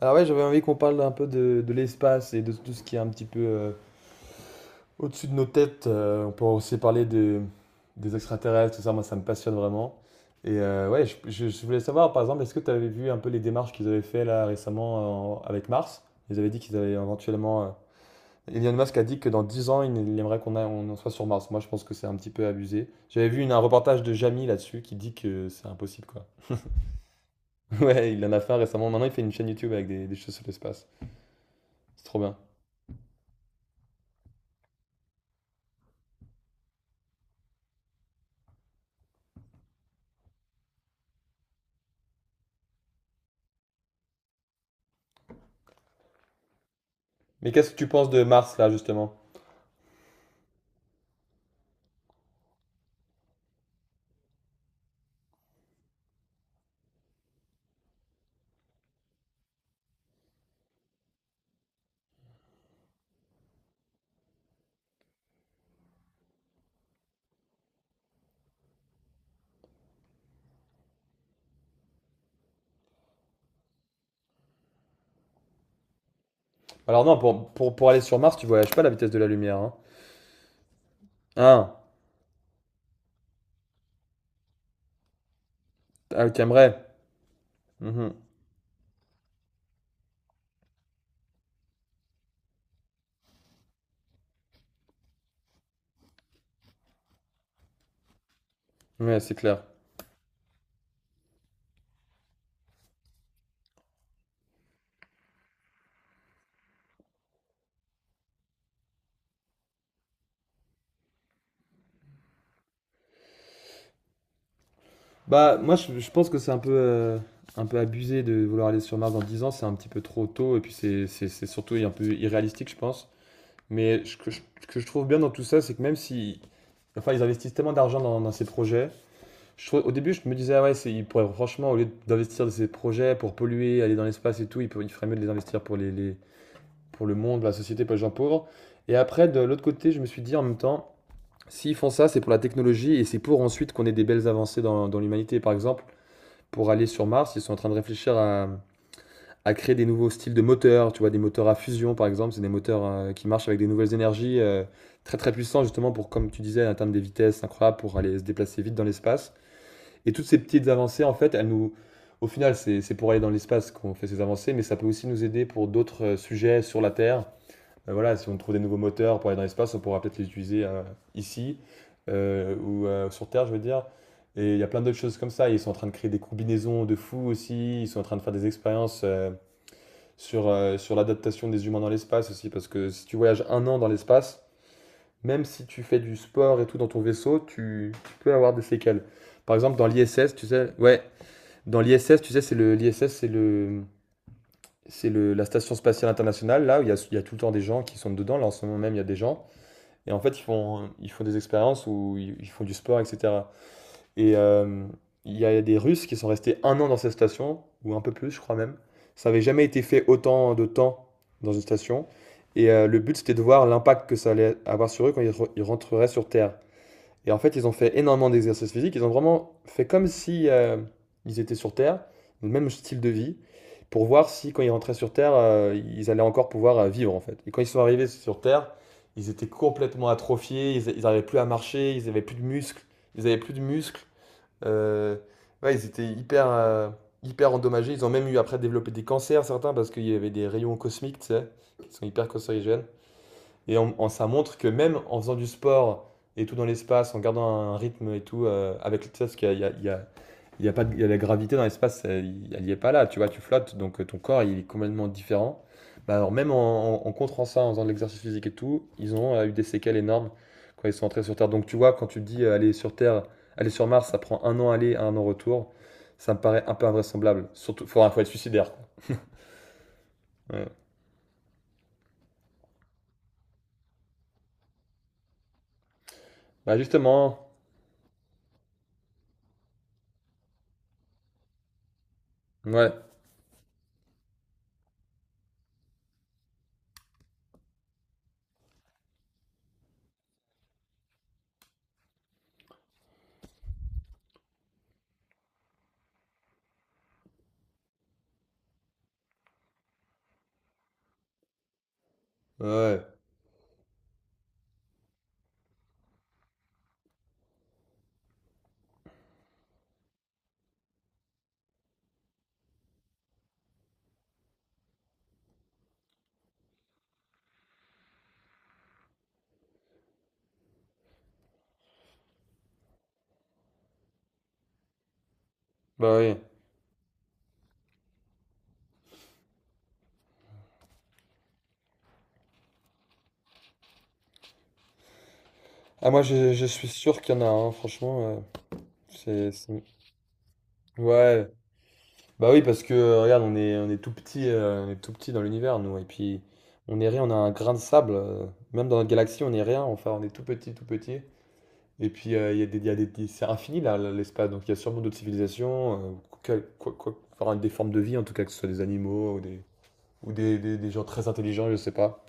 Alors ouais, j'avais envie qu'on parle un peu de l'espace et de tout ce qui est un petit peu au-dessus de nos têtes. On peut aussi parler des extraterrestres, tout ça, moi ça me passionne vraiment. Ouais, je voulais savoir par exemple, est-ce que tu avais vu un peu les démarches qu'ils avaient fait là récemment avec Mars? Ils avaient dit qu'ils avaient éventuellement. Elon Musk a dit que dans 10 ans, il aimerait qu'on en soit sur Mars. Moi je pense que c'est un petit peu abusé. J'avais vu un reportage de Jamy là-dessus qui dit que c'est impossible quoi. Ouais, il en a fait un récemment. Maintenant il fait une chaîne YouTube avec des choses sur l'espace. C'est trop bien. Mais qu'est-ce que tu penses de Mars, là, justement? Alors non, pour aller sur Mars, tu voyages pas à la vitesse de la lumière. Hein. Ah, ah, t'aimerais. Mhm. Ouais, c'est clair. Bah, moi, je pense que c'est un peu abusé de vouloir aller sur Mars dans 10 ans. C'est un petit peu trop tôt. Et puis, c'est surtout un peu irréalistique, je pense. Mais ce que ce que je trouve bien dans tout ça, c'est que même si... Enfin, ils investissent tellement d'argent dans ces projets. Au début, je me disais, ah ouais, ils pourraient, franchement, au lieu d'investir dans ces projets pour polluer, aller dans l'espace et tout, ils feraient mieux de les investir pour les, pour le monde, la société, pour les gens pauvres. Et après, de l'autre côté, je me suis dit en même temps, s'ils font ça, c'est pour la technologie et c'est pour ensuite qu'on ait des belles avancées dans l'humanité. Par exemple, pour aller sur Mars, ils sont en train de réfléchir à créer des nouveaux styles de moteurs, tu vois, des moteurs à fusion par exemple, c'est des moteurs qui marchent avec des nouvelles énergies très très puissants justement pour, comme tu disais, atteindre des vitesses incroyables pour aller se déplacer vite dans l'espace. Et toutes ces petites avancées, en fait, elles nous, au final, c'est pour aller dans l'espace qu'on fait ces avancées, mais ça peut aussi nous aider pour d'autres sujets sur la Terre voilà, si on trouve des nouveaux moteurs pour aller dans l'espace, on pourra peut-être les utiliser ici ou sur Terre, je veux dire. Et il y a plein d'autres choses comme ça. Ils sont en train de créer des combinaisons de fous aussi. Ils sont en train de faire des expériences sur sur l'adaptation des humains dans l'espace aussi. Parce que si tu voyages un an dans l'espace, même si tu fais du sport et tout dans ton vaisseau, tu peux avoir des séquelles. Par exemple, dans l'ISS, tu sais, ouais, dans l'ISS, tu sais, l'ISS, c'est la station spatiale internationale, là où il y a tout le temps des gens qui sont dedans. Là, en ce moment même, il y a des gens. Et en fait, ils font des expériences où ils font du sport, etc. Et euh, il y a des Russes qui sont restés un an dans cette station, ou un peu plus, je crois même. Ça n'avait jamais été fait autant de temps dans une station. Le but, c'était de voir l'impact que ça allait avoir sur eux quand ils rentreraient sur Terre. Et en fait, ils ont fait énormément d'exercices physiques. Ils ont vraiment fait comme si ils étaient sur Terre, le même style de vie, pour voir si quand ils rentraient sur Terre, ils allaient encore pouvoir vivre en fait. Et quand ils sont arrivés sur Terre, ils étaient complètement atrophiés. N'arrivaient plus à marcher. Ils n'avaient plus de muscles. Ils n'avaient plus de muscles. Euh, ouais, ils étaient hyper, hyper endommagés. Ils ont même eu après développé des cancers certains parce qu'il y avait des rayons cosmiques, tu sais, qui sont hyper cancérigènes. Et ça montre que même en faisant du sport et tout dans l'espace, en gardant un rythme et tout, avec tu sais, parce qu'il y a, il y a- il y a il y a pas de, il y a la gravité dans l'espace, elle n'y est pas là, tu vois, tu flottes, donc ton corps il est complètement différent. Bah alors même en contrant ça, en faisant de l'exercice physique et tout, ils ont eu des séquelles énormes quand ils sont entrés sur Terre. Donc tu vois, quand tu dis aller sur Mars, ça prend un an aller, un an retour, ça me paraît un peu invraisemblable. Surtout, faut être suicidaire, quoi. Ouais. Bah justement, ouais, ouais, ouais. Bah oui. Ah, moi, je suis sûr qu'il y en a, hein, franchement. C'est, c'est- Ouais. Bah oui, parce que, regarde, on est tout petit, on est tout petit dans l'univers, nous. Et puis, on est rien, on a un grain de sable. Même dans notre galaxie, on est rien. Enfin, on est tout petit, tout petit. Et puis, il y a des, il y a des- c'est infini, là, l'espace. Donc, il y a sûrement d'autres civilisations, enfin, des formes de vie, en tout cas, que ce soit des animaux ou des gens très intelligents, je sais pas.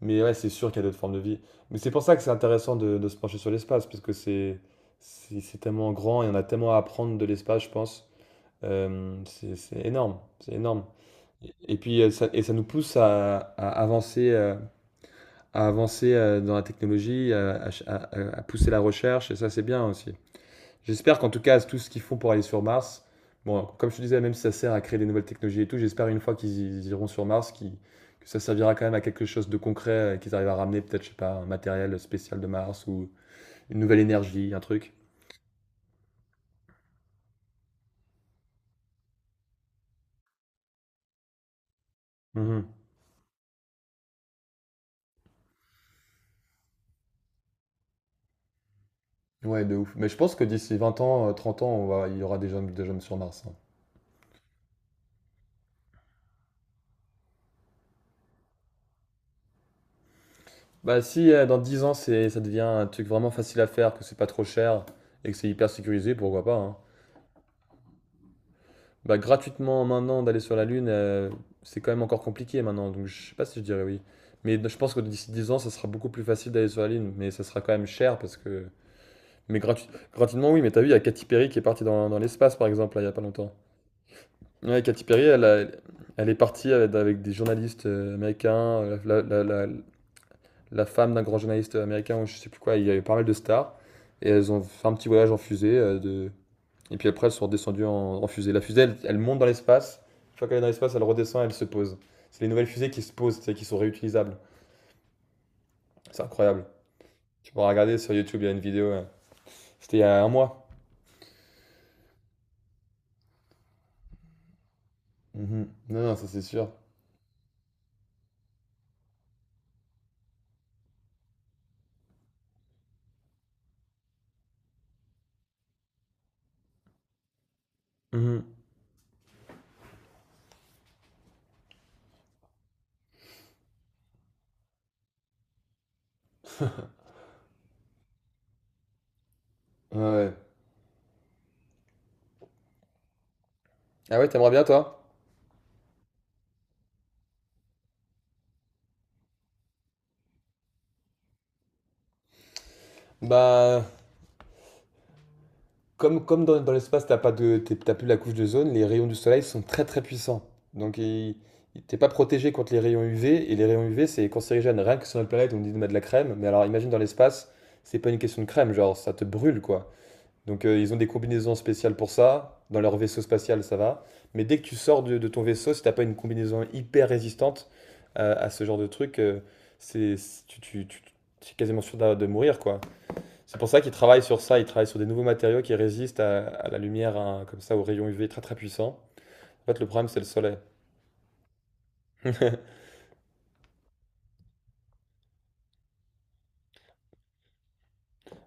Mais ouais, c'est sûr qu'il y a d'autres formes de vie. Mais c'est pour ça que c'est intéressant de se pencher sur l'espace, parce que c'est tellement grand et on a tellement à apprendre de l'espace, je pense. C'est énorme, c'est énorme. Et puis et ça nous pousse à avancer, dans la technologie, à ch- à pousser la recherche, et ça c'est bien aussi. J'espère qu'en tout cas, tout ce qu'ils font pour aller sur Mars, bon, comme je te disais, même si ça sert à créer des nouvelles technologies et tout, j'espère une fois qu'ils iront sur Mars, que ça servira quand même à quelque chose de concret, qu'ils arrivent à ramener peut-être, je sais pas, un matériel spécial de Mars ou une nouvelle énergie, un truc. Mhm. Ouais, de ouf. Mais je pense que d'ici 20 ans, 30 ans, il y aura des hommes sur Mars. Hein. Bah si dans 10 ans, ça devient un truc vraiment facile à faire, que c'est pas trop cher et que c'est hyper sécurisé, pourquoi pas, hein. Bah, gratuitement maintenant d'aller sur la Lune, c'est quand même encore compliqué maintenant, donc je sais pas si je dirais oui. Mais je pense que d'ici 10 ans, ça sera beaucoup plus facile d'aller sur la Lune, mais ça sera quand même cher parce que. Mais gratu- Gratuitement, oui, mais t'as vu, il y a Katy Perry qui est partie dans l'espace par exemple, là, il y a pas longtemps. Ouais, Katy Perry, elle est partie avec des journalistes américains, euh, la, la- la- la femme d'un grand journaliste américain, ou je sais plus quoi, il y avait pas mal de stars, et elles ont fait un petit voyage en fusée et puis après, elles sont redescendues en fusée. La fusée, elle monte dans l'espace. Une fois qu'elle est dans l'espace, elle redescend, elle se pose. C'est les nouvelles fusées qui se posent, tu sais, qui sont réutilisables. C'est incroyable. Tu pourras regarder sur YouTube, il y a une vidéo. Ouais. C'était il y a un mois. Mhm. Non, non, ça c'est sûr. Mhm. Ouais, ouais. Ah ouais, t'aimerais bien toi? Bah, comme, comme dans, dans l'espace, t'as pas de, t'as plus la couche de zone, les rayons du soleil sont très très puissants. Donc t'es pas protégé contre les rayons UV, et les rayons UV c'est cancérigène. Rien que sur notre planète, on dit de mettre de la crème, mais alors imagine dans l'espace, c'est pas une question de crème, genre ça te brûle quoi. Donc ils ont des combinaisons spéciales pour ça, dans leur vaisseau spatial ça va. Mais dès que tu sors de ton vaisseau, si t'as pas une combinaison hyper résistante à ce genre de truc, c'est, c'est- tu, tu, tu- tu es quasiment sûr de mourir quoi. C'est pour ça qu'ils travaillent sur ça, ils travaillent sur des nouveaux matériaux qui résistent à la lumière, hein, comme ça, aux rayons UV très très puissants. En fait, le problème, c'est le soleil.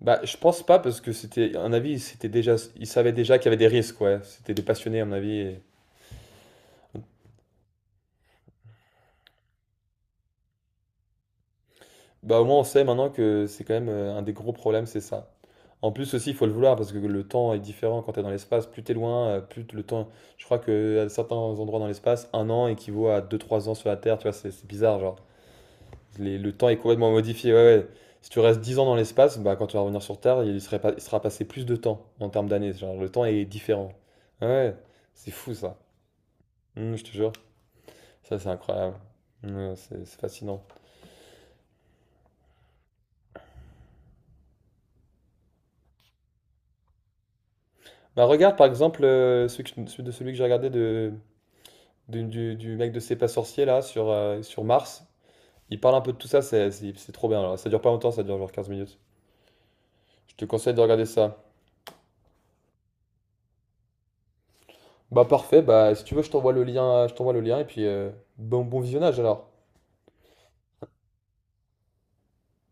Bah, je pense pas parce que c'était, à mon avis, c'était déjà, ils savaient déjà qu'il y avait des risques, ouais. C'était des passionnés, à mon avis. Et. Bah, au moins, on sait maintenant que c'est quand même un des gros problèmes, c'est ça. En plus aussi, il faut le vouloir parce que le temps est différent quand tu es dans l'espace. Plus t'es loin, le temps. Je crois que à certains endroits dans l'espace, un an équivaut à 2 3 ans sur la Terre. Tu vois, c'est bizarre, genre. Le temps est complètement modifié. Ouais, ouais. Si tu restes 10 ans dans l'espace, bah, quand tu vas revenir sur Terre, il serait pas- il sera passé plus de temps en termes d'années. Genre, le temps est différent. Ouais, ouais. C'est fou ça. Je te jure. Ça, c'est incroyable. Ouais, c'est fascinant. Bah, regarde par exemple celui de celui que j'ai regardé du mec de C'est pas sorcier là sur, sur Mars. Il parle un peu de tout ça, c'est trop bien. Alors. Ça dure pas longtemps, ça dure genre 15 minutes. Je te conseille de regarder ça. Bah parfait, bah si tu veux, je t'envoie le lien et puis bon, bon visionnage alors.